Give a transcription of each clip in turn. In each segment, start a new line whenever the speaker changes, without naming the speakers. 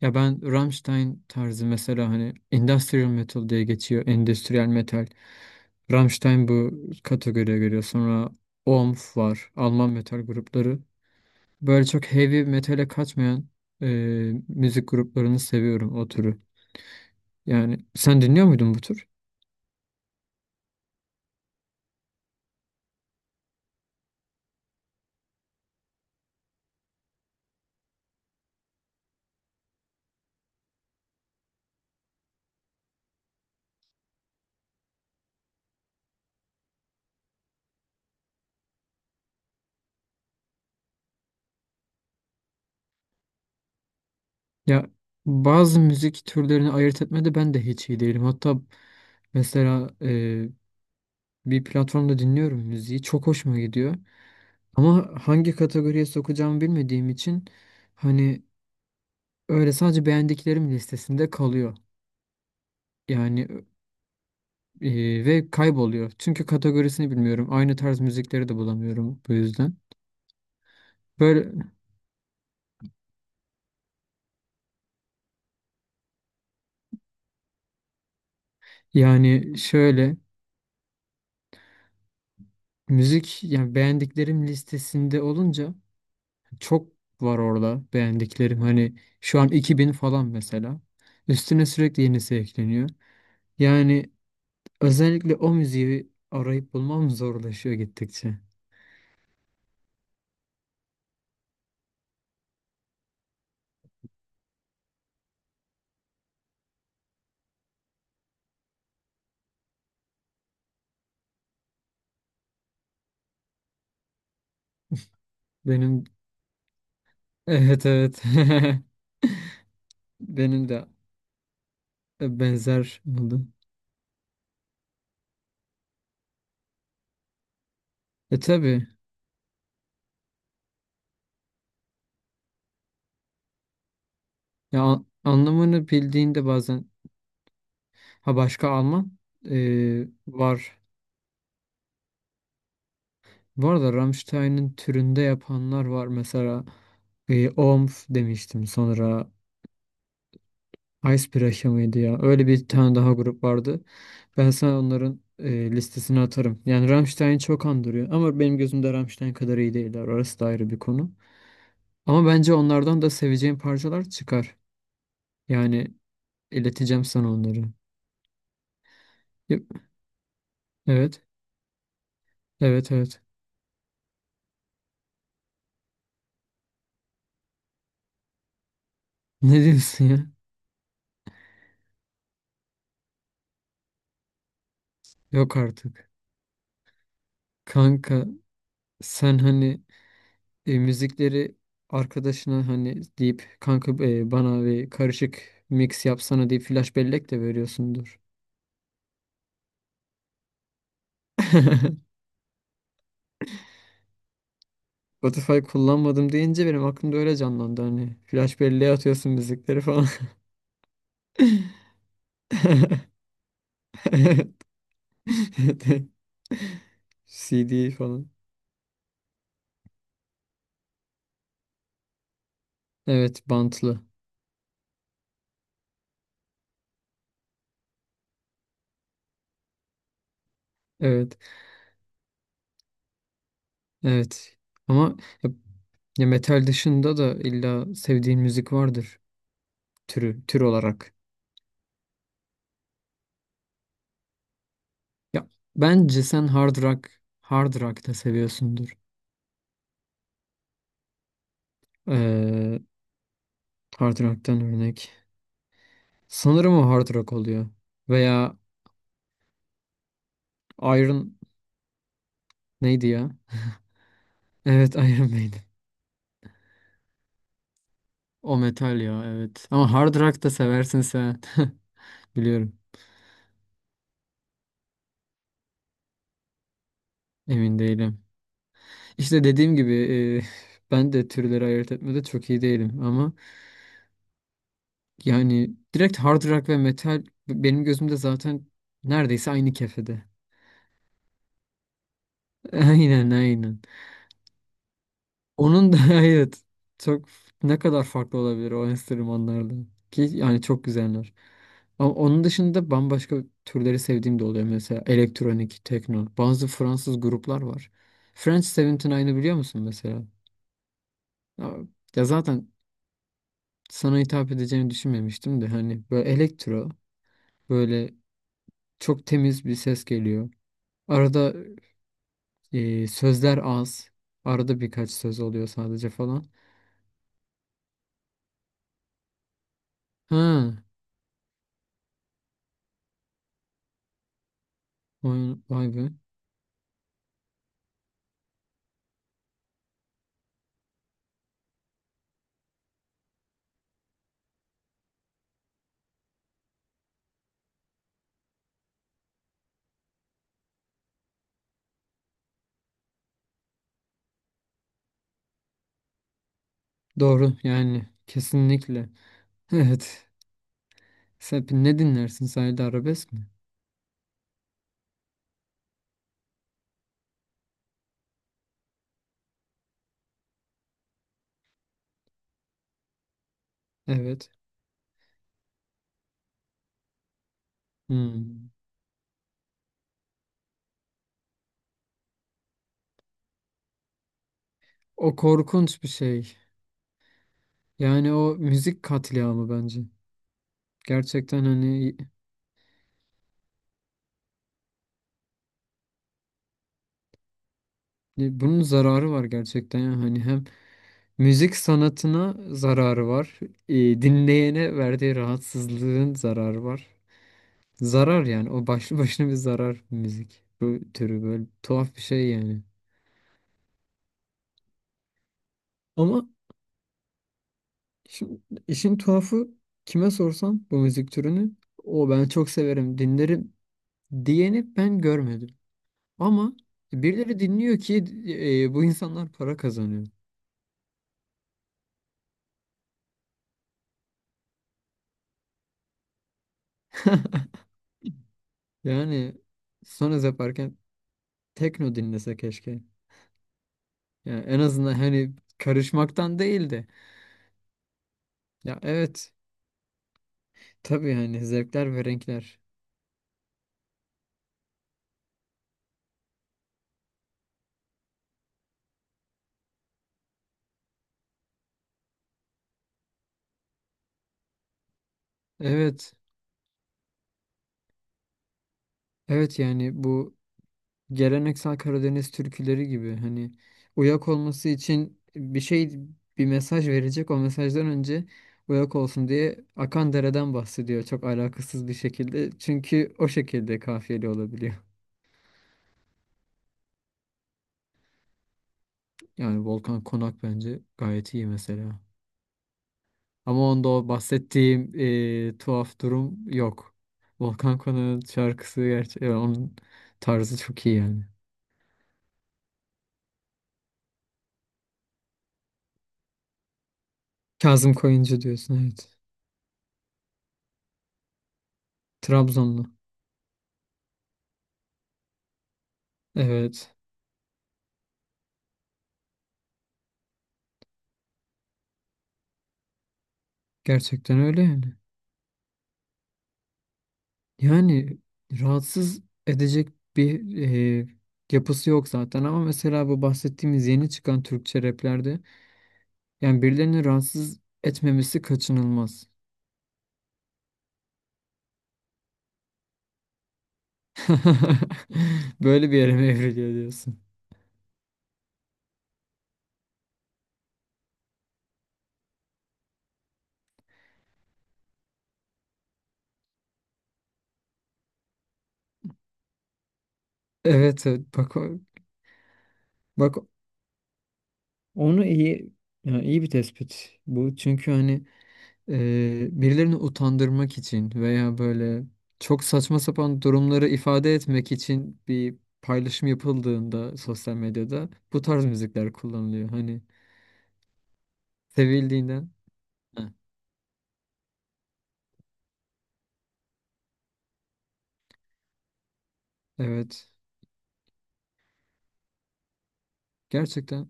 Ya ben Rammstein tarzı mesela hani industrial metal diye geçiyor. Endüstriyel metal. Rammstein bu kategoriye giriyor. Sonra OMF var. Alman metal grupları. Böyle çok heavy metale kaçmayan e, müzik gruplarını seviyorum o türü. Yani sen dinliyor muydun bu tür? Ya bazı müzik türlerini ayırt etmede ben de hiç iyi değilim. Hatta mesela bir platformda dinliyorum müziği. Çok hoşuma gidiyor. Ama hangi kategoriye sokacağımı bilmediğim için hani öyle sadece beğendiklerim listesinde kalıyor. Yani ve kayboluyor. Çünkü kategorisini bilmiyorum. Aynı tarz müzikleri de bulamıyorum bu yüzden. Böyle yani şöyle müzik yani beğendiklerim listesinde olunca çok var orada beğendiklerim. Hani şu an 2000 falan mesela. Üstüne sürekli yenisi ekleniyor. Yani özellikle o müziği arayıp bulmam zorlaşıyor gittikçe. Benim evet evet. Benim de benzer buldum. E tabii ya anlamını bildiğinde bazen ha başka Alman var. Bu arada Rammstein'in türünde yapanlar var. Mesela Omf demiştim sonra Icebreaker mıydı ya? Öyle bir tane daha grup vardı. Ben sana onların listesini atarım. Yani Rammstein'i çok andırıyor. Ama benim gözümde Rammstein kadar iyi değiller. Orası da ayrı bir konu. Ama bence onlardan da seveceğim parçalar çıkar. Yani ileteceğim sana onları. Yep. Evet. Evet, evet. Ne diyorsun ya? Yok artık. Kanka sen hani müzikleri arkadaşına hani deyip kanka bana bir karışık mix yapsana deyip flash bellek de veriyorsundur. Spotify kullanmadım deyince benim aklımda öyle canlandı hani. Flash belleğe atıyorsun müzikleri falan. CD falan. Evet, bantlı. Evet, evet. Ama ya, ya metal dışında da illa sevdiğin müzik vardır türü, tür olarak. Ya bence sen hard rock, hard rock da seviyorsundur. Ee, hard rock'tan örnek. Sanırım o hard rock oluyor. Veya Iron neydi ya? Evet, Iron Maiden. O metal ya, evet. Ama hard rock da seversin sen. Biliyorum. Emin değilim. İşte dediğim gibi ben de türleri ayırt etmede çok iyi değilim ama yani direkt hard rock ve metal benim gözümde zaten neredeyse aynı kefede. Aynen, aynen. Onun da evet çok ne kadar farklı olabilir o enstrümanlardan ki yani çok güzeller. Ama onun dışında bambaşka türleri sevdiğim de oluyor mesela elektronik, tekno. Bazı Fransız gruplar var. French 79'ı biliyor musun mesela? Ya, ya zaten sana hitap edeceğini düşünmemiştim de hani böyle elektro böyle çok temiz bir ses geliyor. Arada sözler az. Arada birkaç söz oluyor sadece falan. Ha, vay, vay be. Doğru yani kesinlikle. Evet. Sen ne dinlersin? Sadece arabesk mi? Evet. Hmm. O korkunç bir şey. Yani o müzik katliamı bence. Gerçekten hani bunun zararı var gerçekten ya. Hani hem müzik sanatına zararı var. Dinleyene verdiği rahatsızlığın zararı var. Zarar yani o başlı başına bir zarar müzik. Bu türü böyle tuhaf bir şey yani. Ama şimdi işin tuhafı kime sorsam bu müzik türünü o ben çok severim dinlerim diyeni ben görmedim. Ama birileri dinliyor ki bu insanlar para kazanıyor. Yani Sonuz yaparken tekno dinlese keşke. Yani en azından hani karışmaktan değil de. Ya evet, tabii hani zevkler ve renkler. Evet. Evet yani bu geleneksel Karadeniz türküleri gibi hani uyak olması için bir şey bir mesaj verecek o mesajdan önce uyak olsun diye akan dereden bahsediyor çok alakasız bir şekilde çünkü o şekilde kafiyeli olabiliyor. Yani Volkan Konak bence gayet iyi mesela. Ama onda o bahsettiğim tuhaf durum yok. Volkan Konak'ın şarkısı gerçi onun tarzı çok iyi yani. Kazım Koyuncu diyorsun, evet. Trabzonlu. Evet. Gerçekten öyle yani. Yani rahatsız edecek bir e, yapısı yok zaten ama mesela bu bahsettiğimiz yeni çıkan Türkçe raplerde yani birilerini rahatsız etmemesi kaçınılmaz. Böyle bir yere mi evriliyor diyorsun? Evet, evet, bak bak onu iyi yani iyi bir tespit bu çünkü hani birilerini utandırmak için veya böyle çok saçma sapan durumları ifade etmek için bir paylaşım yapıldığında sosyal medyada bu tarz müzikler kullanılıyor. Hani sevildiğinden. Heh. Evet. Gerçekten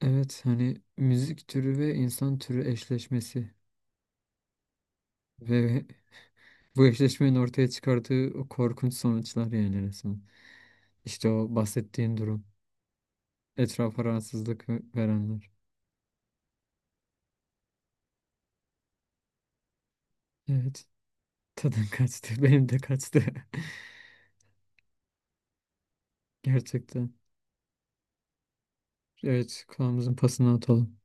evet hani müzik türü ve insan türü eşleşmesi ve bu eşleşmenin ortaya çıkardığı o korkunç sonuçlar yani resmen. İşte o bahsettiğin durum. Etrafa rahatsızlık verenler. Evet. Tadın kaçtı. Benim de kaçtı. Gerçekten. Evet, kulağımızın pasını atalım.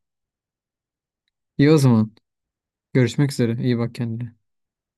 İyi o zaman. Görüşmek üzere. İyi bak kendine.